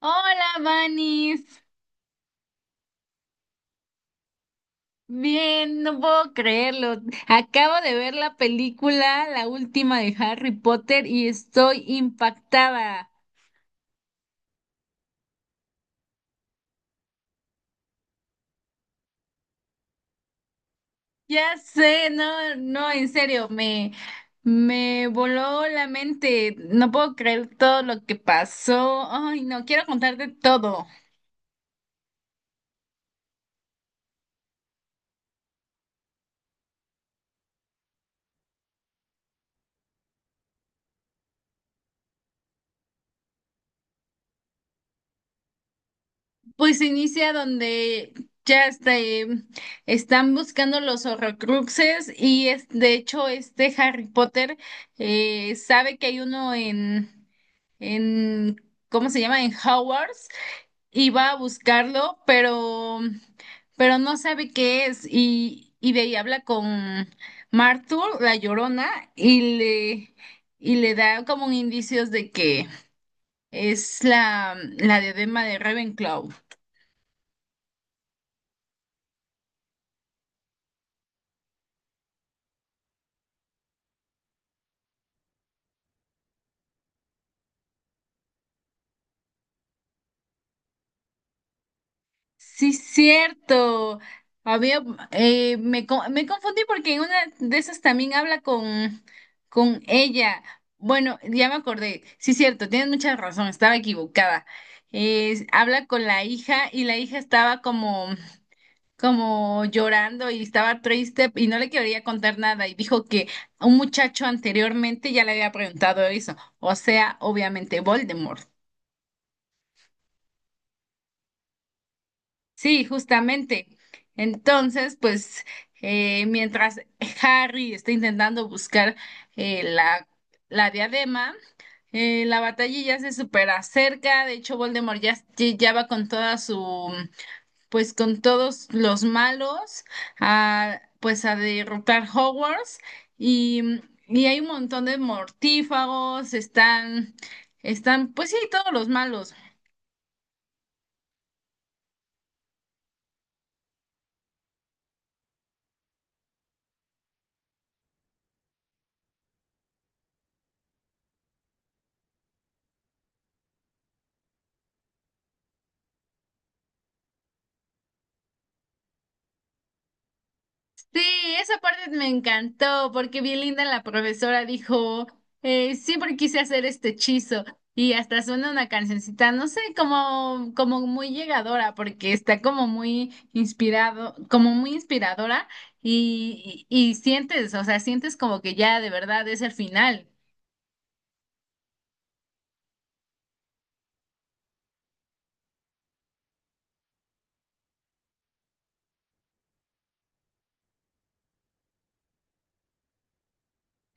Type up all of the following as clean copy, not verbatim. Hola, Vanis. Bien, no puedo creerlo. Acabo de ver la película, la última de Harry Potter, y estoy impactada. Ya sé, no, no, en serio, me voló la mente. No puedo creer todo lo que pasó. Ay, no, quiero contarte todo. Pues inicia donde ya están buscando los Horrocruxes y es, de hecho este Harry Potter sabe que hay uno en ¿cómo se llama? En Hogwarts y va a buscarlo, pero no sabe qué es y de ahí habla con Martur, la Llorona, y le da como indicios de que es la diadema de Ravenclaw. Sí, cierto. Había, me confundí porque en una de esas también habla con ella. Bueno, ya me acordé. Sí, cierto, tienes mucha razón, estaba equivocada. Habla con la hija y la hija estaba como llorando y estaba triste y no le quería contar nada y dijo que un muchacho anteriormente ya le había preguntado eso, o sea, obviamente Voldemort. Sí, justamente. Entonces, pues, mientras Harry está intentando buscar eh, la, la diadema, la batalla ya se supera cerca. De hecho, Voldemort ya va con toda su, pues, con todos los malos, a, pues, a derrotar Hogwarts. Y, y hay un montón de mortífagos, están, pues sí, todos los malos. Sí, esa parte me encantó porque bien linda la profesora dijo, siempre quise hacer este hechizo y hasta suena una cancioncita, no sé, como muy llegadora porque está como muy inspirado, como muy inspiradora y sientes, o sea, sientes como que ya de verdad es el final.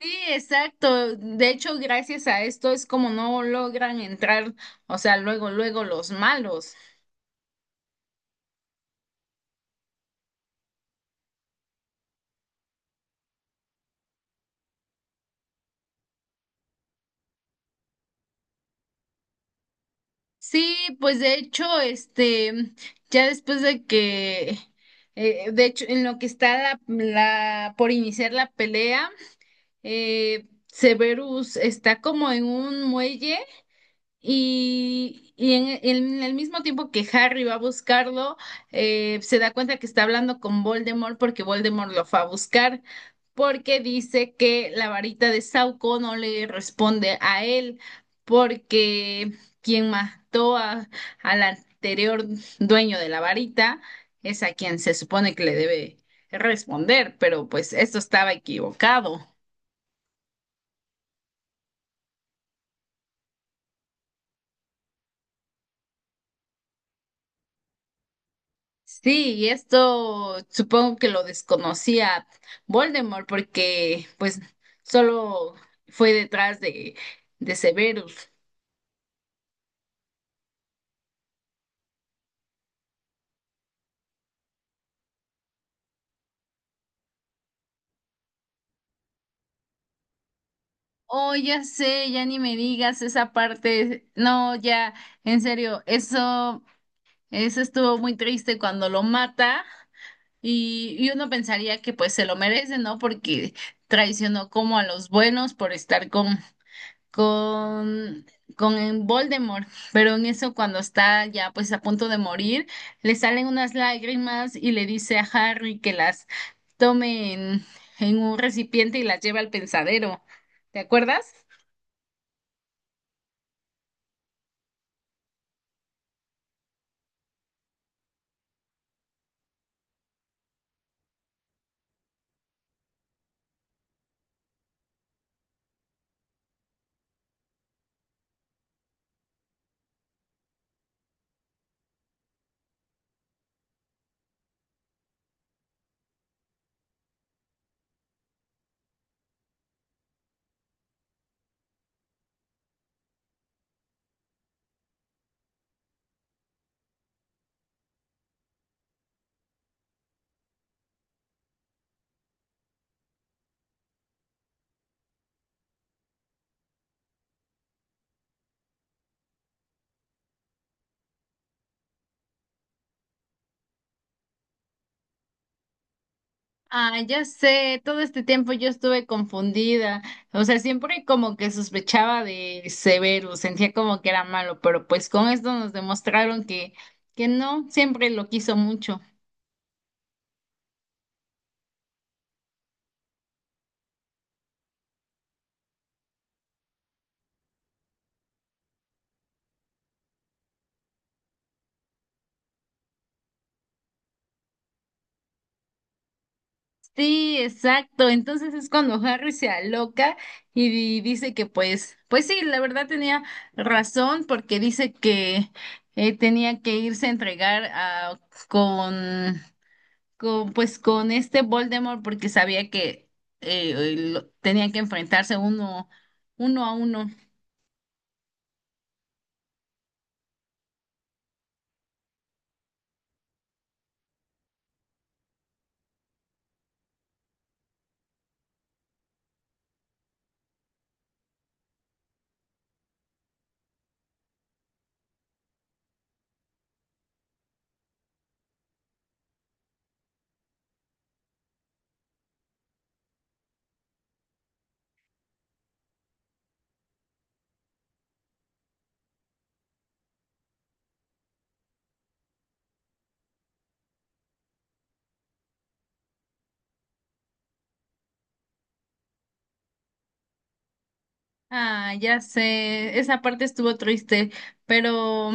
Sí, exacto. De hecho, gracias a esto es como no logran entrar, o sea, luego, luego los malos. Sí, pues de hecho, este, ya después de que, de hecho, en lo que está por iniciar la pelea, Severus está como en un muelle y en el mismo tiempo que Harry va a buscarlo, se da cuenta que está hablando con Voldemort porque Voldemort lo fue a buscar, porque dice que la varita de Sauco no le responde a él, porque quien mató a, al anterior dueño de la varita es a quien se supone que le debe responder, pero pues esto estaba equivocado. Sí, y esto supongo que lo desconocía Voldemort porque pues solo fue detrás de Severus. Oh, ya sé, ya ni me digas esa parte. No, ya, en serio, eso estuvo muy triste cuando lo mata y uno pensaría que pues se lo merece, ¿no? Porque traicionó como a los buenos por estar con, con en Voldemort, pero en eso cuando está ya pues a punto de morir, le salen unas lágrimas y le dice a Harry que las tome en un recipiente y las lleve al pensadero. ¿Te acuerdas? Ah, ya sé, todo este tiempo yo estuve confundida, o sea, siempre como que sospechaba de Severus, sentía como que era malo, pero pues con esto nos demostraron que no, siempre lo quiso mucho. Sí, exacto. Entonces es cuando Harry se aloca y dice que pues sí, la verdad tenía razón porque dice que tenía que irse a entregar a, con, con, pues con este Voldemort porque sabía que tenía que enfrentarse uno a uno. Ah, ya sé, esa parte estuvo triste, pero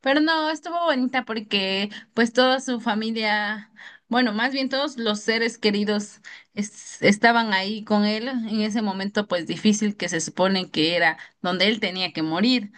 Pero no, estuvo bonita porque pues toda su familia, bueno, más bien todos los seres queridos estaban ahí con él en ese momento pues difícil que se supone que era donde él tenía que morir.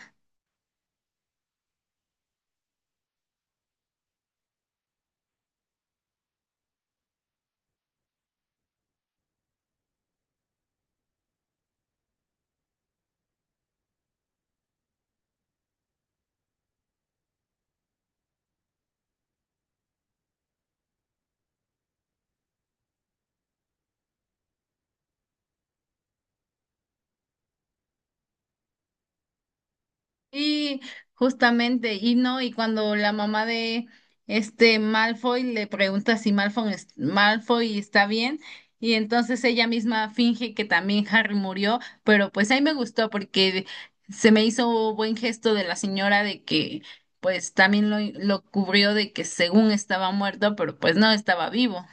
Y justamente, y no, y cuando la mamá de este Malfoy le pregunta si Malfoy, Malfoy está bien, y entonces ella misma finge que también Harry murió, pero pues ahí me gustó porque se me hizo buen gesto de la señora de que pues también lo cubrió de que según estaba muerto, pero pues no estaba vivo.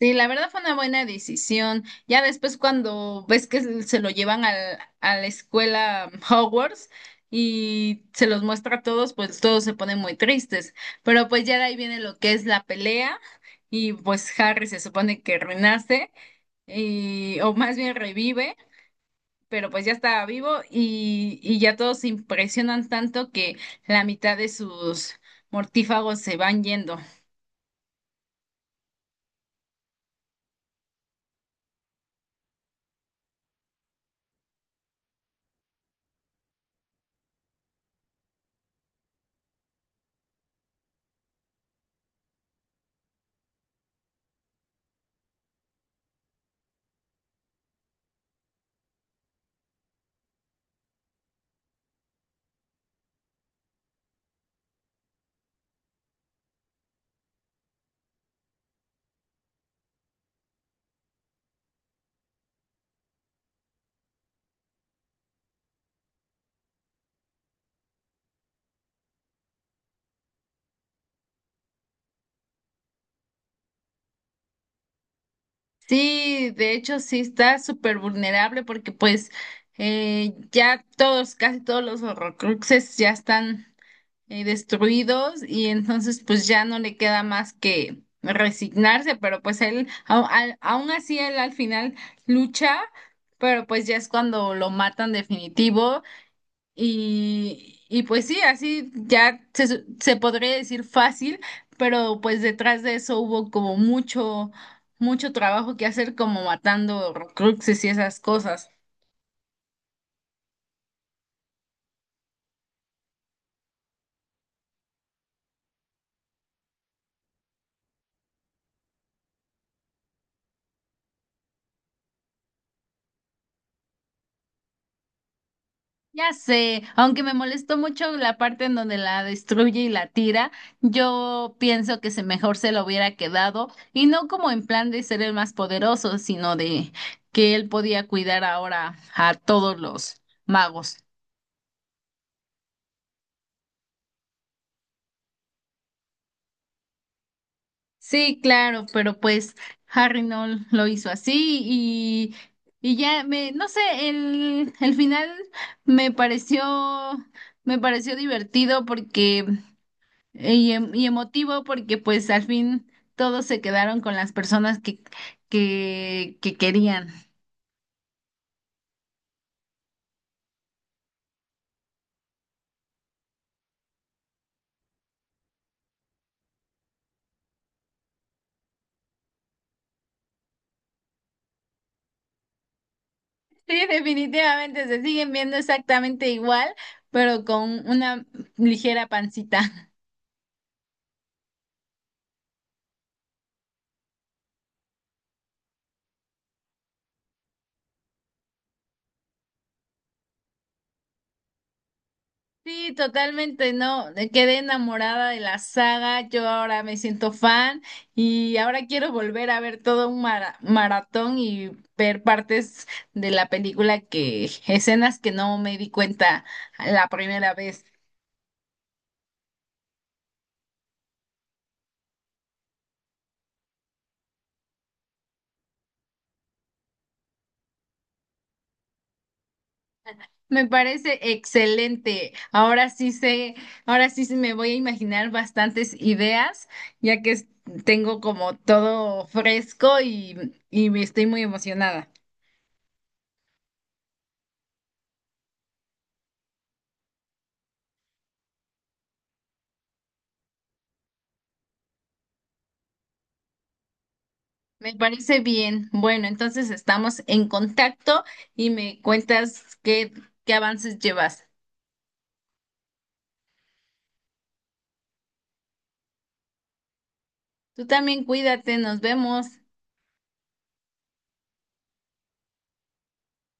Sí, la verdad fue una buena decisión. Ya después cuando ves que se lo llevan al, a la escuela Hogwarts y se los muestra a todos, pues todos se ponen muy tristes. Pero pues ya de ahí viene lo que es la pelea y pues Harry se supone que renace y, o más bien revive, pero pues ya estaba vivo y ya todos se impresionan tanto que la mitad de sus mortífagos se van yendo. Sí, de hecho sí está súper vulnerable porque pues ya todos, casi todos los Horrocruxes ya están destruidos y entonces pues ya no le queda más que resignarse, pero pues él, aún así él al final lucha, pero pues ya es cuando lo matan definitivo y pues sí, así ya se podría decir fácil, pero pues detrás de eso hubo como mucho, mucho trabajo que hacer, como matando Horcruxes y esas cosas. Ya sé, aunque me molestó mucho la parte en donde la destruye y la tira, yo pienso que se mejor se lo hubiera quedado, y no como en plan de ser el más poderoso, sino de que él podía cuidar ahora a todos los magos. Sí, claro, pero pues Harry no lo hizo así y ya me, no sé, el final me pareció, me pareció divertido porque y emotivo porque pues al fin todos se quedaron con las personas que querían. Sí, definitivamente se siguen viendo exactamente igual, pero con una ligera pancita. Sí, totalmente, no, me quedé enamorada de la saga, yo ahora me siento fan y ahora quiero volver a ver todo un maratón y ver partes de la película que, escenas que no me di cuenta la primera vez. Me parece excelente. Ahora sí sé, ahora sí se me voy a imaginar bastantes ideas, ya que tengo como todo fresco y me estoy muy emocionada. Me parece bien. Bueno, entonces estamos en contacto y me cuentas qué, qué avances llevas. Tú también cuídate, nos vemos.